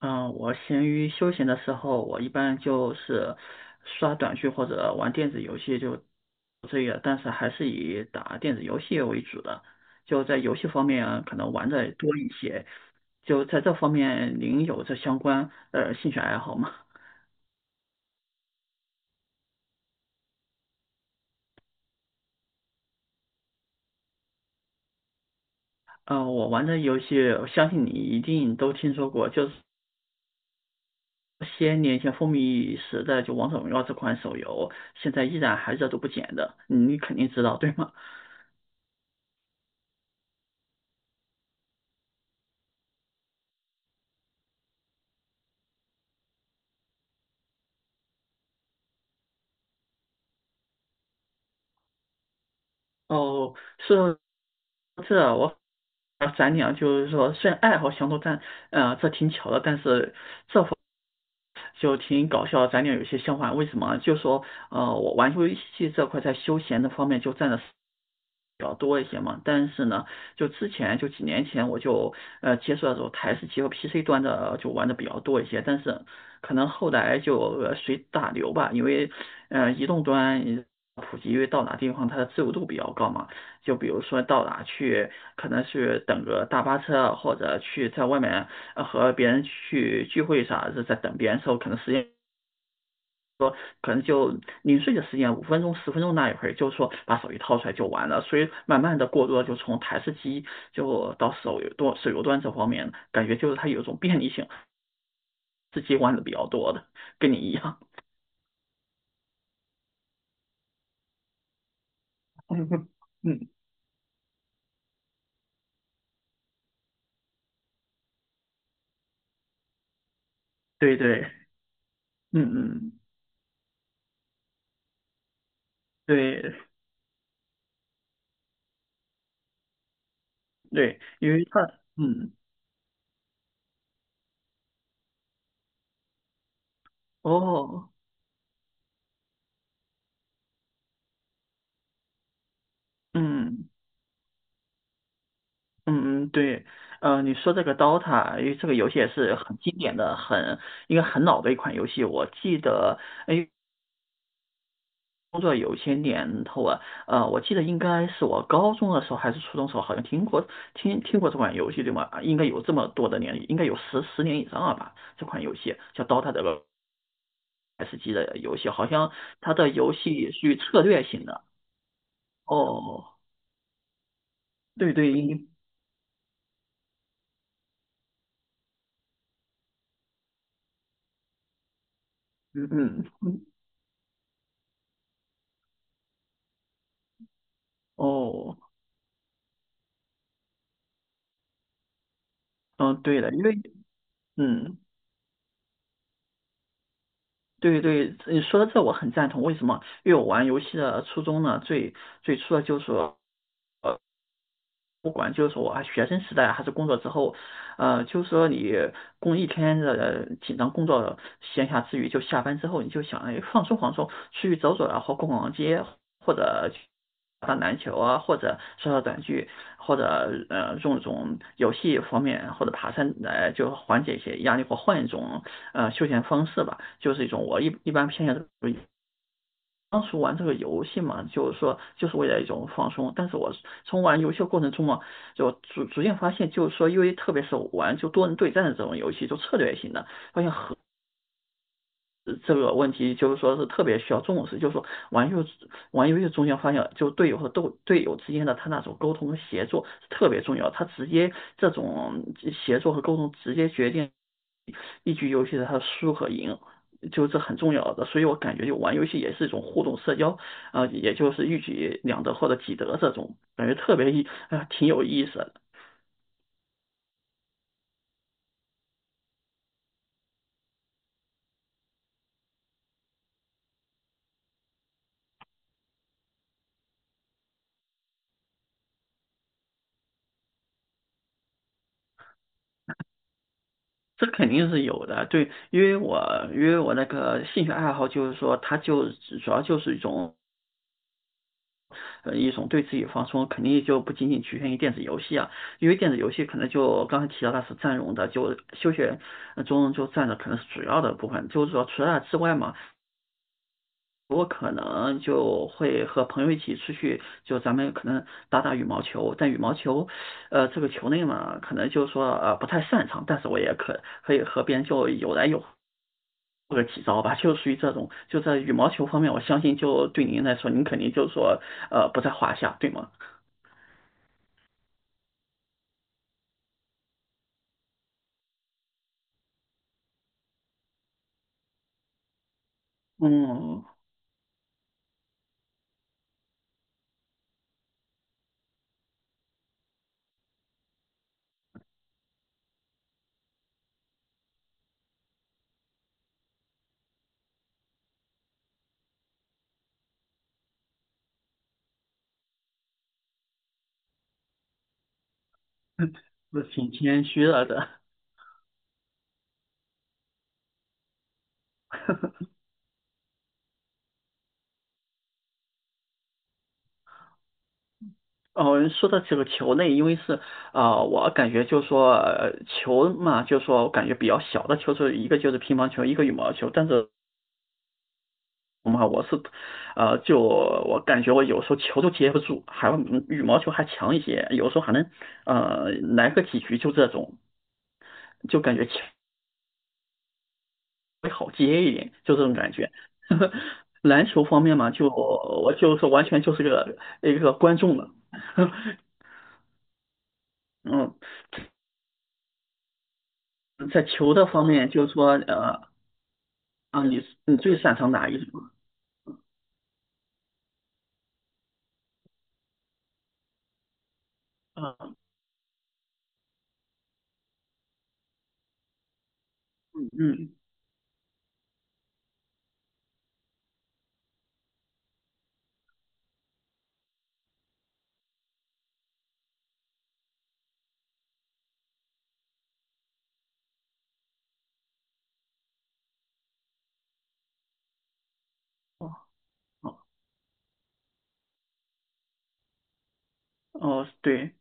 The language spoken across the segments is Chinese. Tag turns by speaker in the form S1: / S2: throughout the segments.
S1: 嗯，我闲鱼休闲的时候，我一般就是刷短剧或者玩电子游戏就这个，但是还是以打电子游戏为主的。就在游戏方面，可能玩的多一些。就在这方面，您有这相关兴趣爱好吗？我玩的游戏，我相信你一定都听说过，就是些年前风靡一时的就《王者荣耀》这款手游，现在依然还热度不减的，你肯定知道，对吗？哦，是这我。啊，咱俩就是说，虽然爱好相同，但这挺巧的，但是就挺搞笑的咱俩有些相反，为什么？就说我玩游戏这块在休闲的方面就占了，比较多一些嘛，但是呢，就之前就几年前我就接触到这种台式机和 PC 端的就玩的比较多一些，但是可能后来就随大流吧，因为移动端普及，因为到哪地方它的自由度比较高嘛，就比如说到哪去，可能是等个大巴车或者去在外面和别人去聚会啥，是在等别人的时候，可能时间说可能就零碎的时间，五分钟、十分钟那一会儿，就是说把手机掏出来就完了。所以慢慢的过渡了就从台式机就到手游端这方面，感觉就是它有一种便利性，是机玩的比较多的，跟你一样。嗯，对对，嗯嗯，对对，因为它，嗯，哦，嗯嗯嗯，对，你说这个 DOTA，因为这个游戏也是很经典的，很应该很老的一款游戏。我记得，哎，工作有些年头啊，我记得应该是我高中的时候还是初中的时候，好像听过听过这款游戏对吗？应该有这么多的年，应该有十年以上了吧？这款游戏叫《Dota》的 S 级的游戏，好像它的游戏属于策略型的。哦，对对，应嗯嗯嗯，哦，嗯，对的，因为嗯。对对，你说的这我很赞同。为什么？因为我玩游戏的初衷呢，最初的就是。不管就是说啊，学生时代还是工作之后，就是说你工一天的紧张工作，闲暇之余就下班之后，你就想哎放松放松，出去走走啊，或逛逛街，或者去打篮球啊，或者刷刷短剧，或者用一种游戏方面或者爬山来就缓解一些压力，或换一种休闲方式吧，就是一种我一般偏向于当时玩这个游戏嘛，就是说就是为了一种放松。但是我从玩游戏的过程中嘛，就逐渐发现，就是说，因为特别是玩就多人对战的这种游戏，就策略型的，发现这个问题就是说是特别需要重视，就是说玩游玩游戏中间发现，就队友和斗队友之间的他那种沟通和协作是特别重要，他直接这种协作和沟通直接决定一局游戏的他的输和赢，就这很重要的。所以我感觉就玩游戏也是一种互动社交啊，也就是一举两得或者几得这种，感觉特别意啊挺有意思的。这肯定是有的，对，因为我那个兴趣爱好就是说，它就主要就是一种一种对自己放松，肯定就不仅仅局限于电子游戏啊，因为电子游戏可能就刚才提到它是占用的，就休闲中就占的可能是主要的部分，就是说除了它之外嘛，我可能就会和朋友一起出去，就咱们可能打打羽毛球，但羽毛球，这个球类嘛，可能就是说不太擅长，但是我也可以和别人就有来有，或者几招吧，就属于这种，就在羽毛球方面，我相信就对您来说，您肯定就是说，不在话下，对吗？嗯，是挺谦虚了的。哦，说到这个球类，因为是啊、我感觉就说、球嘛，就说我感觉比较小的球，是一个就是乒乓球，一个羽毛球。但是嘛，我是就我感觉我有时候球都接不住，还有嗯羽毛球还强一些，有时候还能呃来个几局就这种，就感觉球会好接一点，就这种感觉。篮球方面嘛，就我就是完全就是个一个观众了。嗯。在球的方面，就是说，啊，你最擅长哪一种？嗯嗯，哦哦哦，对，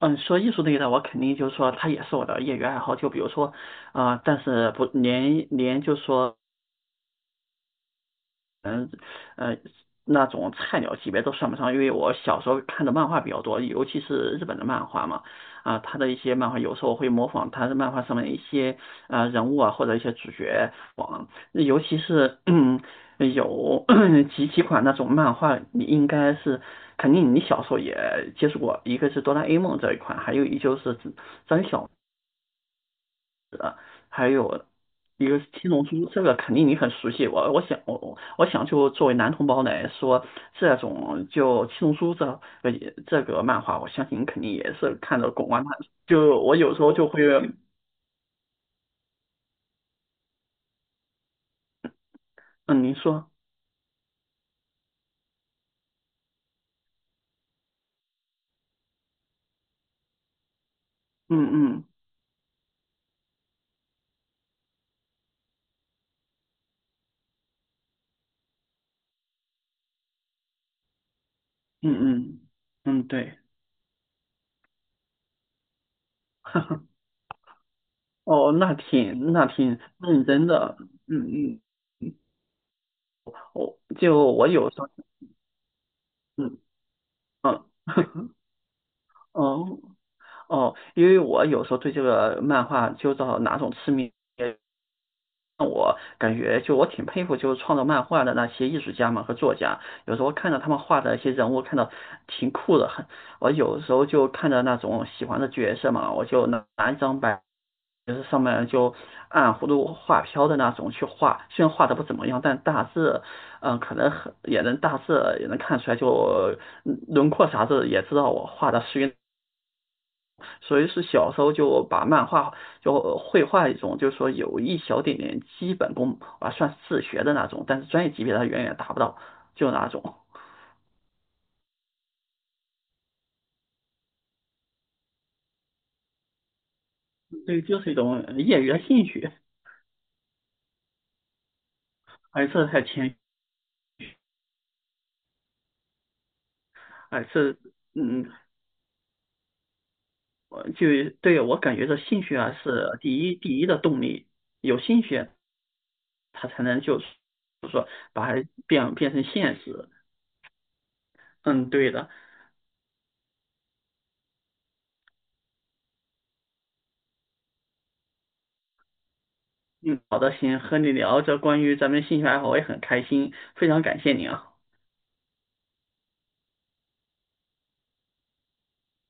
S1: 嗯，说艺术类的，我肯定就是说，它也是我的业余爱好。就比如说，啊、但是不连连就是说，嗯呃那种菜鸟级别都算不上，因为我小时候看的漫画比较多，尤其是日本的漫画嘛，啊，他的一些漫画有时候会模仿他的漫画上面一些啊人物啊或者一些主角网，尤其是嗯有 几款那种漫画，你应该是肯定你小时候也接触过，一个是哆啦 A 梦这一款，还有一就是还有一个是七龙珠，这个肯定你很熟悉。我想就作为男同胞来说，这种就七龙珠这个这个漫画，我相信你肯定也是看的滚瓜烂熟。就我有时候就会，嗯，您说，嗯嗯嗯嗯嗯，对，哦，那挺认真的，嗯嗯，我有时候，嗯嗯。哦哦，因为我有时候对这个漫画就到哪种痴迷，我感觉就我挺佩服，就是创作漫画的那些艺术家们和作家。有时候看到他们画的一些人物，看到挺酷的，很。我有时候就看着那种喜欢的角色嘛，我就拿一张白，就是上面就按葫芦画瓢的那种去画。虽然画的不怎么样，但大致，嗯，可能很也能大致也能看出来就，嗯轮廓啥子也知道我画的属于所以是小时候就把漫画就绘画一种，就是说有一小点点基本功啊，算自学的那种，但是专业级别它远远达不到，就那种。对，就是一种业余的兴趣，而这太浅，哎，这嗯，就对我感觉这兴趣啊是第一的动力，有兴趣他才能就是说把它变成现实。嗯，对的，嗯，好的，行，和你聊这关于咱们兴趣爱好，我也很开心，非常感谢你啊。